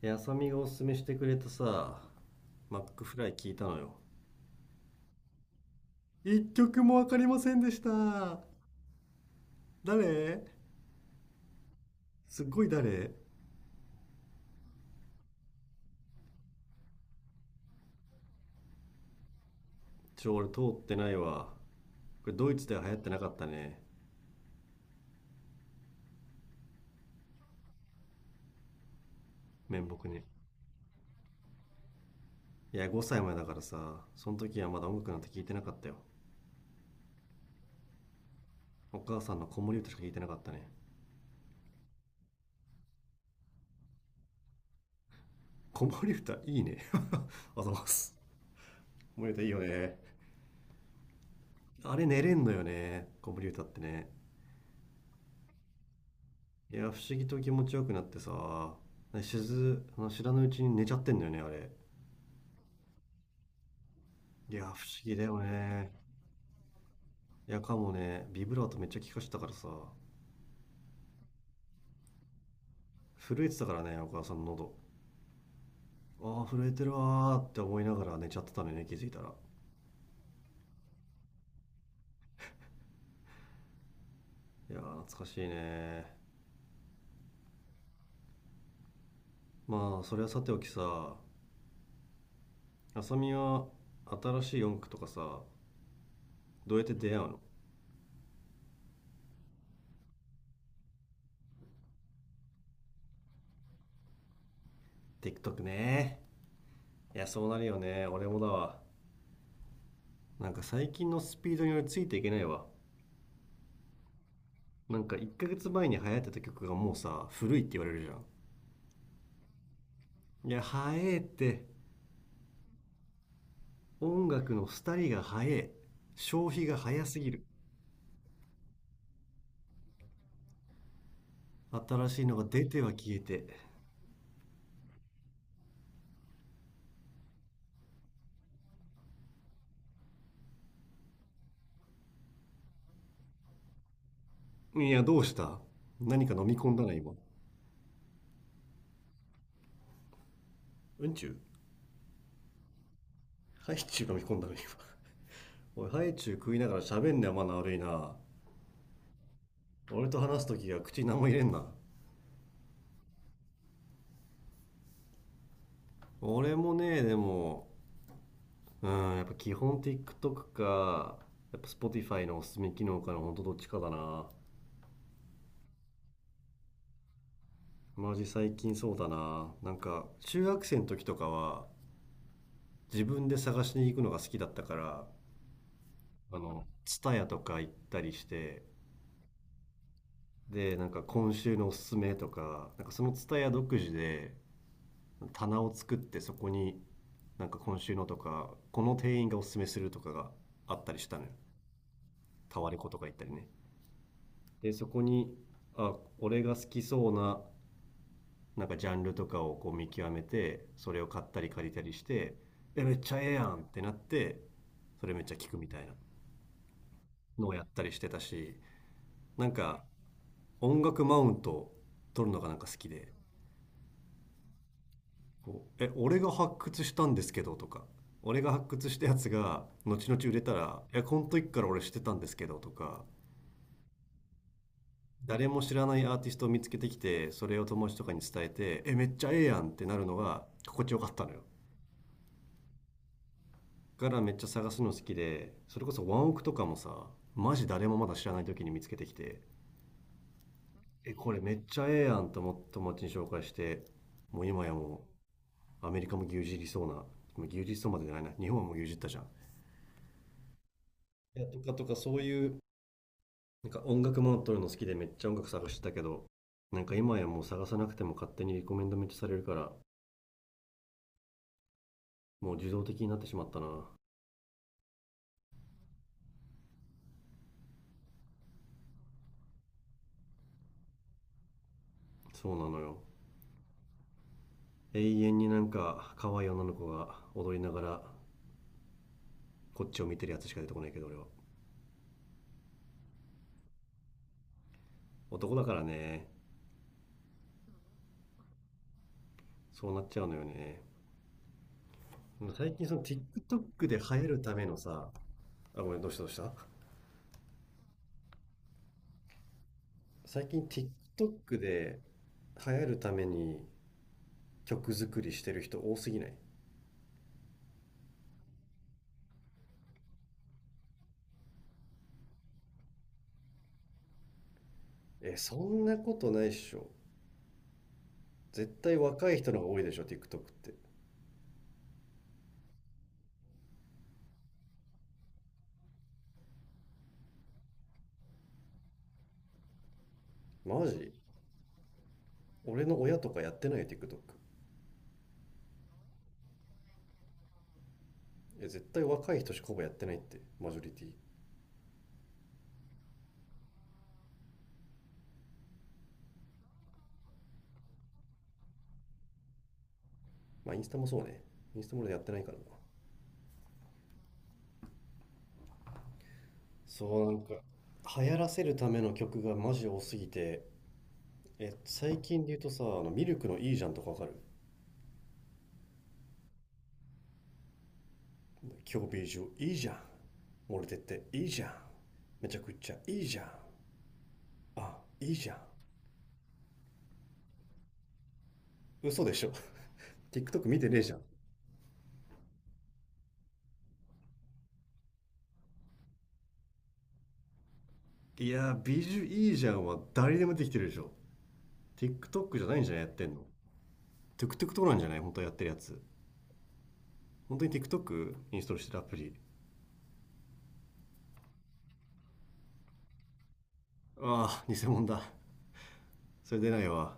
あさみがおすすめしてくれたマックフライ聞いたのよ。一曲もわかりませんでした。誰、すっごい誰。俺通ってないわ。これドイツでは流行ってなかったね。面目に。いや、5歳前だからその時はまだ音楽なんて聞いてなかったよ。お母さんの子守歌しか聞いてなかったね。子守歌いいね。あざます。子守歌いいよね。あれ寝れんのよね、子守歌ってね。いや、不思議と気持ちよくなってさ、しず、あの知らぬうちに寝ちゃってんだよね、あれ。いや、不思議だよね。いや、かもね、ビブラートめっちゃ効かしてたから、震えてたからね、お母さんの喉。ああ、震えてるわーって思いながら寝ちゃってたのよね、気づいたら。いやー、懐かしいね。まあ、それはさておき、あさみは新しい音楽とか、どうやって出会うの？ TikTok ね。いや、そうなるよね。俺もだわ。なんか最近のスピードに俺ついていけないわ。なんか1ヶ月前に流行ってた曲がもう古いって言われるじゃん。いや早えって。音楽の廃りが早え。消費が早すぎる。新しいのが出ては消えて。いやどうした、何か飲み込んだな今。うんちゅう、ハイチュウ飲み込んだな今。おい、ハイチュウ食いながら喋んねん、マナー悪いな。俺と話す時は口に何も入れんな。俺もねでも、うんやっぱ基本 TikTok か、やっぱ Spotify のおすすめ機能かのほんとどっちかだな。マジ最近そうだな。なんか中学生の時とかは自分で探しに行くのが好きだったから、あのツタヤとか行ったりして、でなんか今週のおすすめとかなんかそのツタヤ独自で棚を作って、そこになんか今週のとかこの店員がおすすめするとかがあったりしたのよ。タワレコとか行ったりね。でそこに、あ、俺が好きそうななんかジャンルとかをこう見極めて、それを買ったり借りたりして、えめっちゃええやんってなって、それめっちゃ聞くみたいなのをやったりしてたし、なんか音楽マウント取るのがなんか好きで、「こうえ俺が発掘したんですけど」とか「俺が発掘したやつが後々売れたらえこの時から俺知ってたんですけど」とか、誰も知らないアーティストを見つけてきてそれを友達とかに伝えて「えめっちゃええやん」ってなるのが心地よかったのよ。からめっちゃ探すの好きで、それこそワンオクとかもマジ誰もまだ知らない時に見つけてきて、えこれめっちゃええやんと思って友達に紹介して、もう今やもうアメリカも牛耳りそうな、まあ牛耳りそうまでじゃないな、日本はもう牛耳ったじゃん、いや、とかそういう。なんか音楽も撮るの好きでめっちゃ音楽探してたけど、なんか今やもう探さなくても勝手にリコメンドめっちゃされるから、もう自動的になってしまったな。そうなのよ。永遠になんか可愛い女の子が踊りながらこっちを見てるやつしか出てこないけど俺は、男だからね、そうなっちゃうのよね。最近その TikTok で流行るための、あ、ごめん、どうしたどうした。最近 TikTok で流行るために曲作りしてる人多すぎない？え、そんなことないっしょ。絶対若い人の方が多いでしょ、TikTok って。マジ。俺の親とかやってないよ、TikTok。え、絶対若い人しかほぼやってないって、マジョリティ。まあ、インスタもそうね。インスタも俺やってないからな。そう、なんか、流行らせるための曲がマジ多すぎて、え、最近で言うと、あのミルクのいいじゃんとかわかる？今日ビージュいいじゃん。漏れてっていいじゃん。めちゃくちゃいいじゃん。あ、いいじゃん。嘘でしょ。TikTok 見てねえじゃん。いやー、ビジュいいじゃんは誰でもできてるでしょ。TikTok じゃないんじゃないやってんの。TikTok とかなんじゃない本当はやってるやつ。本当に TikTok インストールしてるアプリ。ああ、偽物だ。それ出ないわ。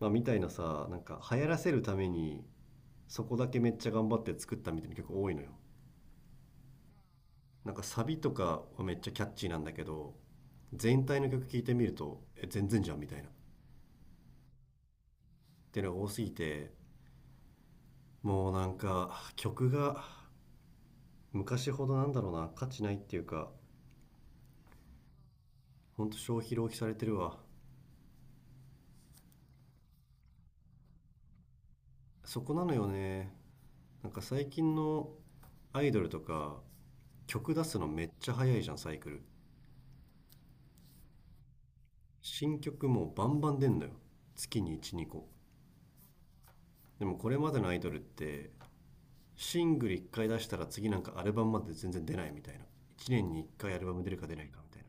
まあ、みたいな、なんか流行らせるためにそこだけめっちゃ頑張って作ったみたいな曲多いのよ。なんかサビとかはめっちゃキャッチーなんだけど、全体の曲聴いてみるとえ全然じゃんみたいなっていうのが多すぎて、もうなんか曲が昔ほど、なんだろうな、価値ないっていうか、ほんと消費浪費されてるわ。そこなのよね。なんか最近のアイドルとか、曲出すのめっちゃ早いじゃんサイクル。新曲もうバンバン出んのよ、月に12個。でもこれまでのアイドルって、シングル1回出したら次なんかアルバムまで全然出ないみたいな、1年に1回アルバム出るか出ないかみたいな、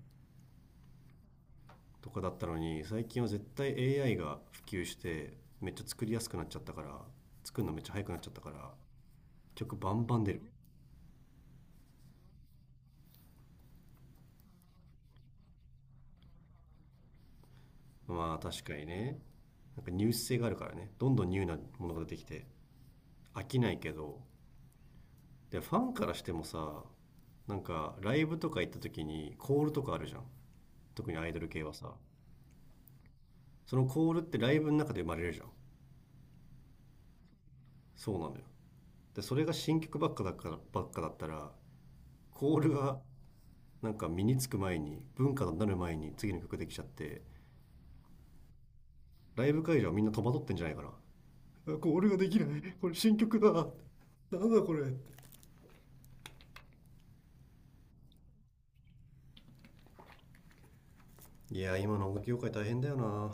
とかだったのに、最近は絶対 AI が普及してめっちゃ作りやすくなっちゃったから、作るのめっちゃ早くなっちゃったから、曲バンバン出る。まあ確かにね、なんかニュース性があるからね、どんどんニューなものが出てきて飽きないけど。でファンからしてもなんかライブとか行った時にコールとかあるじゃん、特にアイドル系はそのコールってライブの中で生まれるじゃん。そうなのよ。でそれが新曲ばっかだったらコールがなんか身につく前に文化になる前に次の曲できちゃって、ライブ会場はみんな戸惑ってんじゃないかな。コールができない、これ新曲だ、なんだこれ。いや、今の音楽業界大変だよな。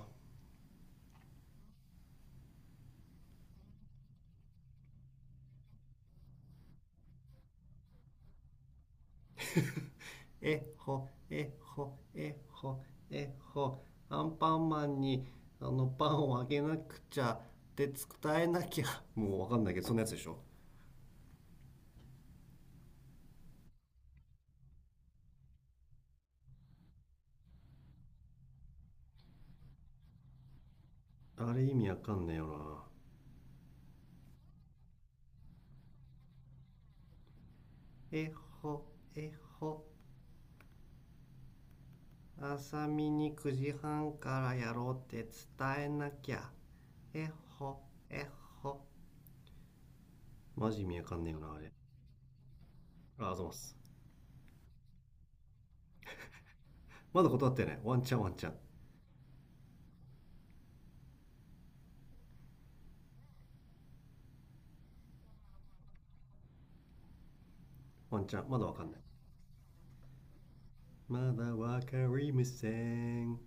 えほ、えほ、えほ、えほ、アンパンマンに、あのパンをあげなくちゃって伝えなきゃ。もうわかんないけどそんなやつでしょ。あれ意味わかんねえよな。えほ、えほ、朝見に9時半からやろうって伝えなきゃ。えほ、えほ。マジ意味わかんねえよな、あれ。あ、あざます。まだ断ってね。ワンチャン、ワンチャン。ワンチャン、まだわかんない。まだわかりません。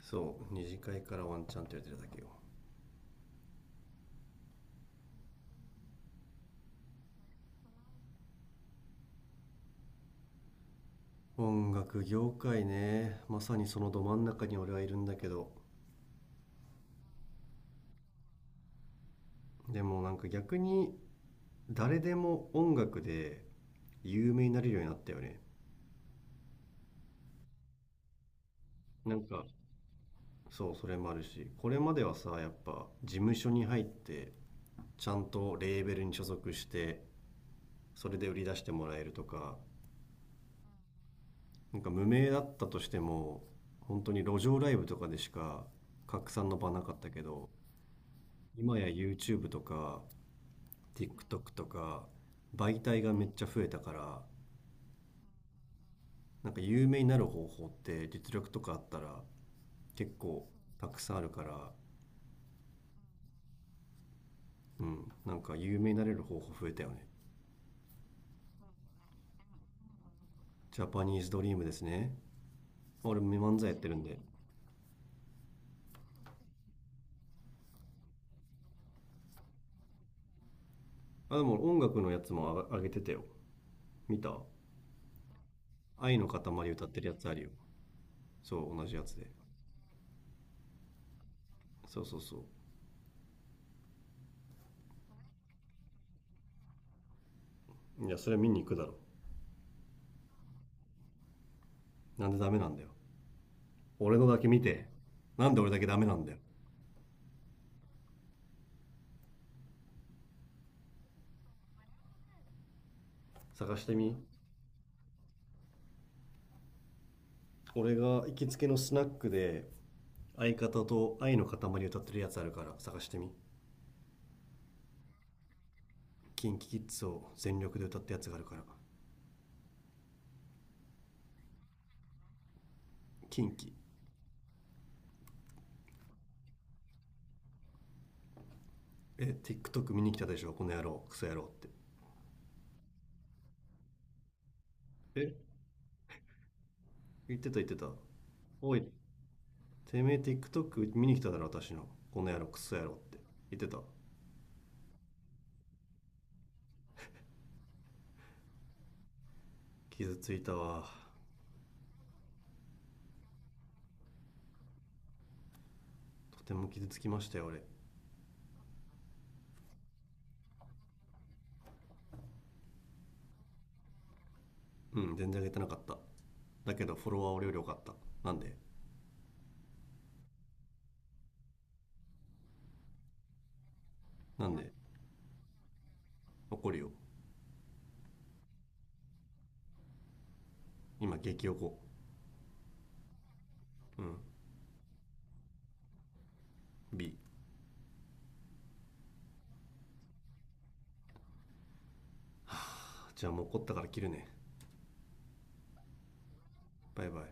そう、二次会からワンチャンって言ってるだけよ。音楽業界ね。まさにそのど真ん中に俺はいるんだけど。でもなんか逆に、誰でも音楽で有名になれるようになったよね。なんか、そうそれもあるし、これまではさ、やっぱ事務所に入ってちゃんとレーベルに所属してそれで売り出してもらえるとか、なんか無名だったとしても本当に路上ライブとかでしか拡散の場なかったけど、今や YouTube とか TikTok とか媒体がめっちゃ増えたから、なんか有名になる方法って実力とかあったら結構たくさんあるから、うん、なんか有名になれる方法増えたよね。ジャパニーズドリームですね。俺漫才やってるんで。あ、でも音楽のやつもあ上げてたよ。見た？愛の塊歌ってるやつあるよ。そう、同じやつで。そうそうそう。いや、それ見に行くだろ。なんでダメなんだよ。俺のだけ見て。なんで俺だけダメなんだよ。探してみ。俺が行きつけのスナックで相方と愛の塊歌ってるやつあるから探してみ。キンキキッズを全力で歌ったやつがあるから。キンキ。え、TikTok 見に来たでしょ、この野郎、クソ野郎って。え、言ってた言ってた。おい、てめえ TikTok 見に来ただろ私の、この野郎クソ野郎って言ってた。傷ついたわ。とても傷つきましたよ俺。うん、全然上げてなかった、だけどフォロワー俺より良かった。なんで？なんで？怒るよ。今激怒。うん、 B。 じゃあもう怒ったから切るね。バイバイ。